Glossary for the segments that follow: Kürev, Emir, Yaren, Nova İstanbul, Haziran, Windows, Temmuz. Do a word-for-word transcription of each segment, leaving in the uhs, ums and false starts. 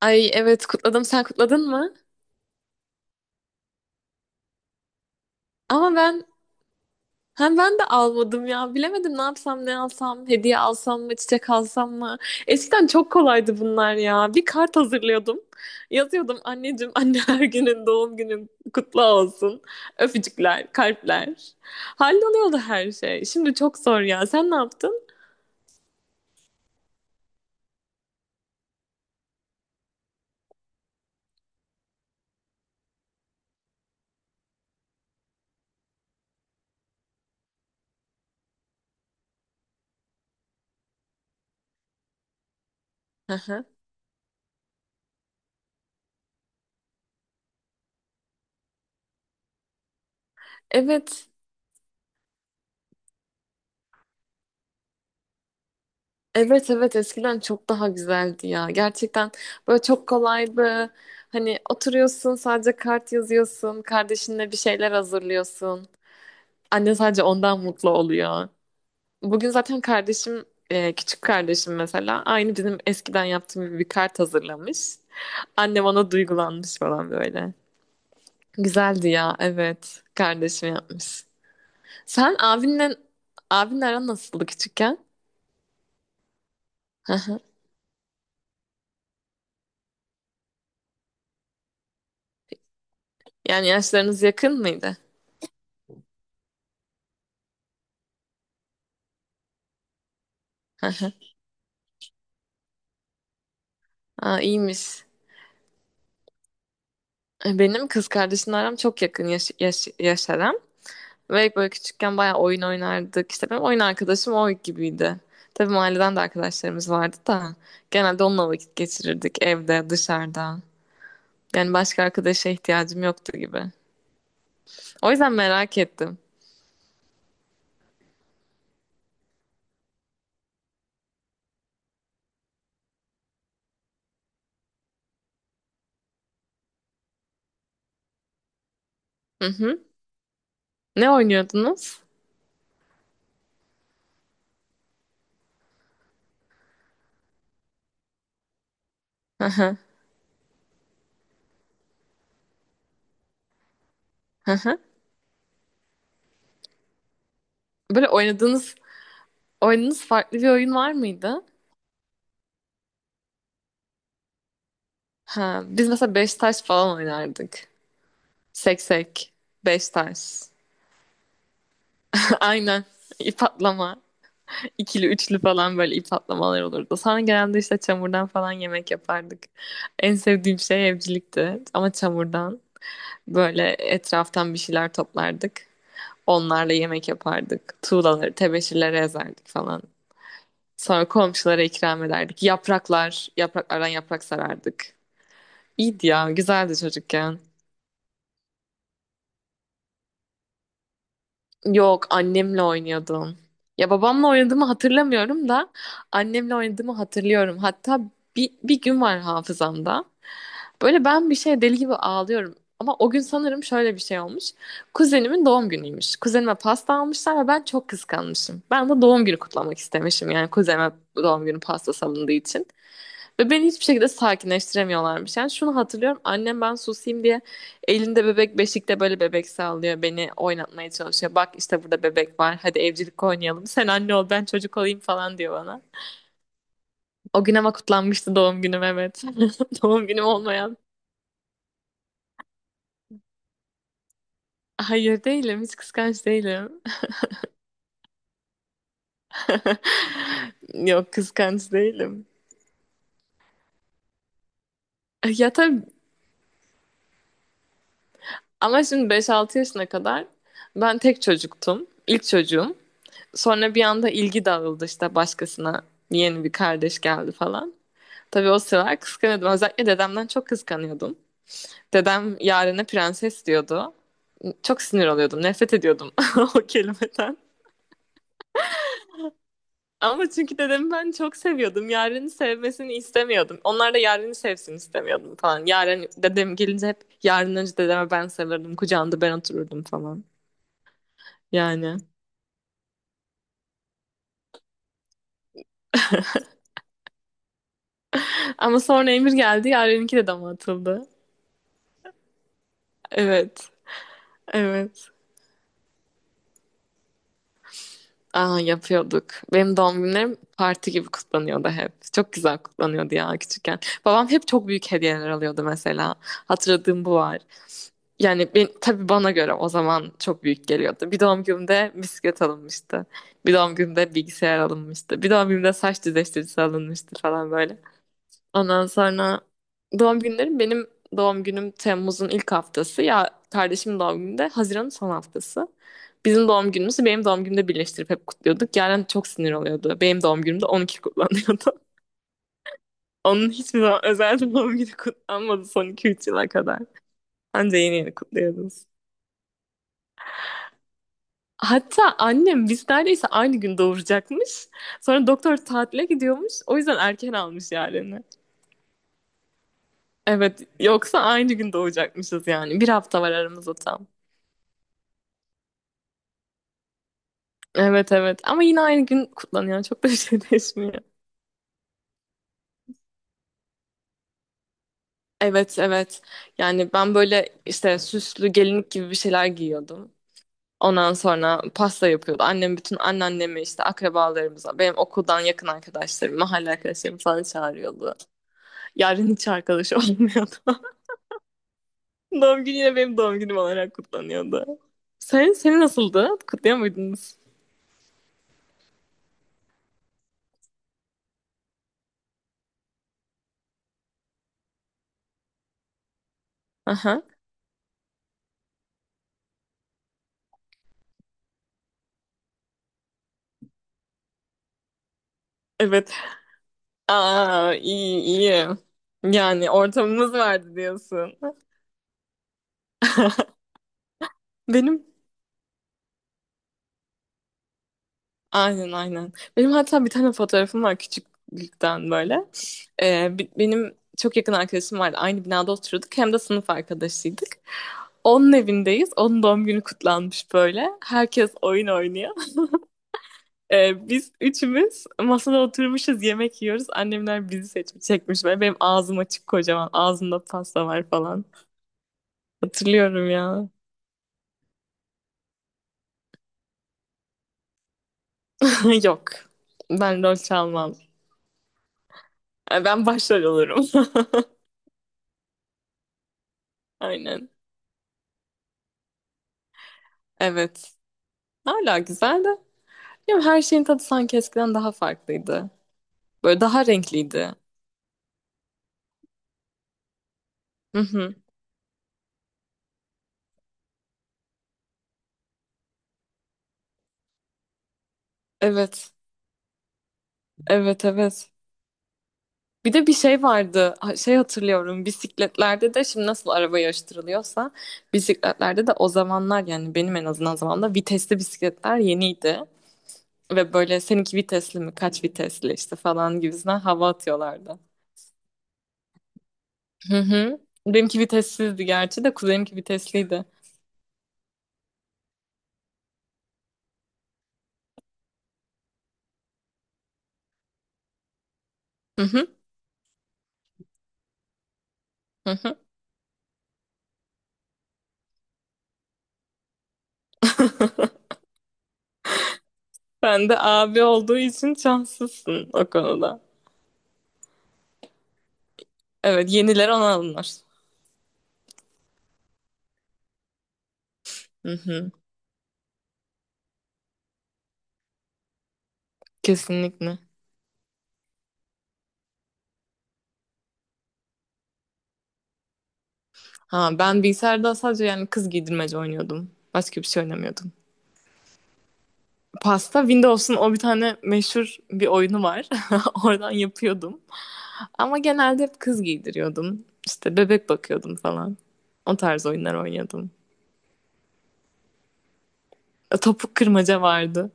Ay evet kutladım. Sen kutladın mı? Ama ben hem ben de almadım ya. Bilemedim ne yapsam ne alsam. Hediye alsam mı çiçek alsam mı? Eskiden çok kolaydı bunlar ya. Bir kart hazırlıyordum. Yazıyordum anneciğim anneler günün doğum günün kutlu olsun. Öpücükler, kalpler. Halloluyordu her şey. Şimdi çok zor ya. Sen ne yaptın? Hı hı. Evet. Evet evet eskiden çok daha güzeldi ya. Gerçekten böyle çok kolaydı. Hani oturuyorsun sadece kart yazıyorsun. Kardeşinle bir şeyler hazırlıyorsun. Anne sadece ondan mutlu oluyor. Bugün zaten kardeşim e, küçük kardeşim mesela aynı bizim eskiden yaptığım gibi bir kart hazırlamış. Annem ona duygulanmış falan böyle. Güzeldi ya evet kardeşim yapmış. Sen abinle abinle aran nasıldı küçükken? Hı hı. Yani yaşlarınız yakın mıydı? Aa, iyiymiş. E, Benim kız kardeşimle aram çok yakın yaş, yaş, yaş aram. Ve böyle küçükken bayağı oyun oynardık. İşte benim oyun arkadaşım o gibiydi. Tabii mahalleden de arkadaşlarımız vardı da. Genelde onunla vakit geçirirdik evde, dışarıda. Yani başka arkadaşa ihtiyacım yoktu gibi. O yüzden merak ettim. Hı hı. Ne oynuyordunuz? Hı hı. Hı hı. Böyle oynadığınız, oynadığınız farklı bir oyun var mıydı? Ha, biz mesela beş taş falan oynardık. Seksek, beş taş. Aynen. İp atlama. İkili üçlü falan böyle ip atlamalar olurdu. Sonra genelde işte çamurdan falan yemek yapardık. En sevdiğim şey evcilikti. Ama çamurdan böyle etraftan bir şeyler toplardık. Onlarla yemek yapardık. Tuğlaları, tebeşirleri ezerdik falan. Sonra komşulara ikram ederdik. Yapraklar, yapraklardan yaprak sarardık. İyiydi ya, güzeldi çocukken. Yok annemle oynuyordum. Ya babamla oynadığımı hatırlamıyorum da annemle oynadığımı hatırlıyorum. Hatta bir, bir gün var hafızamda. Böyle ben bir şey deli gibi ağlıyorum. Ama o gün sanırım şöyle bir şey olmuş. Kuzenimin doğum günüymüş. Kuzenime pasta almışlar ve ben çok kıskanmışım. Ben de doğum günü kutlamak istemişim. Yani kuzenime doğum günü pasta salındığı için. Ve beni hiçbir şekilde sakinleştiremiyorlarmış. Yani şunu hatırlıyorum. Annem ben susayım diye elinde bebek beşikte böyle bebek sallıyor. Beni oynatmaya çalışıyor. Bak işte burada bebek var. Hadi evcilik oynayalım. Sen anne ol ben çocuk olayım falan diyor bana. O gün ama kutlanmıştı doğum günüm evet. Doğum günüm olmayan. Hayır değilim. Hiç kıskanç değilim. Yok kıskanç değilim. Ya tabii ama şimdi beş altı yaşına kadar ben tek çocuktum. İlk çocuğum. Sonra bir anda ilgi dağıldı işte başkasına yeni bir kardeş geldi falan. Tabii o sıralar kıskanıyordum. Özellikle dedemden çok kıskanıyordum. Dedem Yaren'e prenses diyordu. Çok sinir oluyordum. Nefret ediyordum o kelimeden. Ama çünkü dedemi ben çok seviyordum. Yaren'i sevmesini istemiyordum. Onlar da Yaren'i sevsin istemiyordum falan. Yaren dedem gelince hep Yaren önce dedeme ben sarılırdım. Kucağında ben otururdum falan. Yani. Ama sonra Emir geldi. Yaren'inki de dama atıldı. Evet. Evet. Aa, yapıyorduk. Benim doğum günlerim parti gibi kutlanıyordu hep. Çok güzel kutlanıyordu ya küçükken. Babam hep çok büyük hediyeler alıyordu mesela. Hatırladığım bu var. Yani ben, tabii bana göre o zaman çok büyük geliyordu. Bir doğum günümde bisiklet alınmıştı. Bir doğum günümde bilgisayar alınmıştı. Bir doğum günümde saç düzleştiricisi alınmıştı falan böyle. Ondan sonra doğum günlerim benim doğum günüm Temmuz'un ilk haftası. Ya kardeşimin doğum günü de Haziran'ın son haftası. Bizim doğum günümüzü benim doğum günümde birleştirip hep kutluyorduk. Yaren çok sinir oluyordu. Benim doğum günümde on iki kutlanıyordu. Onun hiçbir zaman özel doğum günü kutlanmadı son iki üç yıla kadar. Anca yeni yeni kutluyordunuz. Hatta annem biz neredeyse aynı gün doğuracakmış. Sonra doktor tatile gidiyormuş. O yüzden erken almış Yaren'i. Evet, yoksa aynı gün doğacakmışız yani. Bir hafta var aramızda tam. Evet evet ama yine aynı gün kutlanıyor. Çok da bir şey değişmiyor. Evet evet. Yani ben böyle işte süslü gelinlik gibi bir şeyler giyiyordum. Ondan sonra pasta yapıyordu. Annem bütün anneannemi işte akrabalarımıza, benim okuldan yakın arkadaşlarım, mahalle arkadaşlarım falan çağırıyordu. Yarın hiç arkadaş olmuyordu. Doğum günü yine benim doğum günüm olarak kutlanıyordu. Senin, senin nasıldı? Kutluyor muydunuz? Aha. Evet. Aa iyi iyi. Yani ortamımız vardı diyorsun. Benim aynen aynen. Benim hatta bir tane fotoğrafım var küçüklükten böyle. Ee, bi- benim çok yakın arkadaşım vardı. Aynı binada oturuyorduk. Hem de sınıf arkadaşıydık. Onun evindeyiz. Onun doğum günü kutlanmış böyle. Herkes oyun oynuyor. Ee, biz üçümüz masada oturmuşuz. Yemek yiyoruz. Annemler bizi seçmiş, çekmiş. Böyle benim ağzım açık kocaman. Ağzımda pasta var falan. Hatırlıyorum ya. Yok. Ben rol çalmam. Ee, Ben başrol olurum. Aynen. Evet. Hala güzel de. Bilmiyorum, her şeyin tadı sanki eskiden daha farklıydı. Böyle daha renkliydi. Hı hı. Evet. Evet evet. Bir de bir şey vardı. Ha- Şey hatırlıyorum. Bisikletlerde de şimdi nasıl araba yarıştırılıyorsa bisikletlerde de o zamanlar yani benim en azından zamanımda vitesli bisikletler yeniydi. Ve böyle seninki vitesli mi kaç vitesli işte falan gibisinden hava atıyorlardı. Hı hı. Benimki vitessizdi gerçi de kuzenimki vitesliydi. Hı hı. Hı hı. Ben de abi olduğu için şanslısın o konuda. Evet, yeniler ona alınır. Hı hı, kesinlikle. Ha, ben bilgisayarda sadece yani kız giydirmece oynuyordum. Başka bir şey oynamıyordum. Pasta Windows'un o bir tane meşhur bir oyunu var. Oradan yapıyordum. Ama genelde hep kız giydiriyordum. İşte bebek bakıyordum falan. O tarz oyunlar oynuyordum. E, Topuk kırmaca vardı.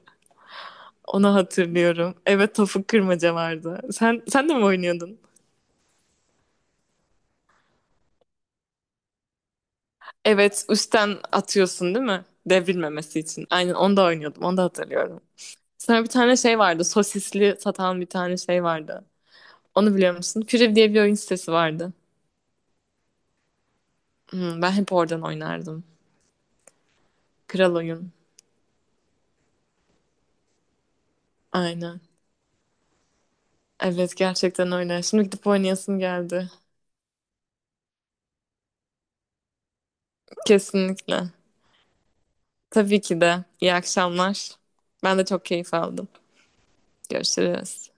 Onu hatırlıyorum. Evet topuk kırmaca vardı. Sen sen de mi oynuyordun? Evet, üstten atıyorsun değil mi? Devrilmemesi için. Aynen onu da oynuyordum. Onu da hatırlıyorum. Sonra bir tane şey vardı. Sosisli satan bir tane şey vardı. Onu biliyor musun? Kürev diye bir oyun sitesi vardı. Hmm, ben hep oradan oynardım. Kral oyun. Aynen. Evet gerçekten öyle. Şimdi gidip oynayasım geldi. Kesinlikle. Tabii ki de. İyi akşamlar. Ben de çok keyif aldım. Görüşürüz.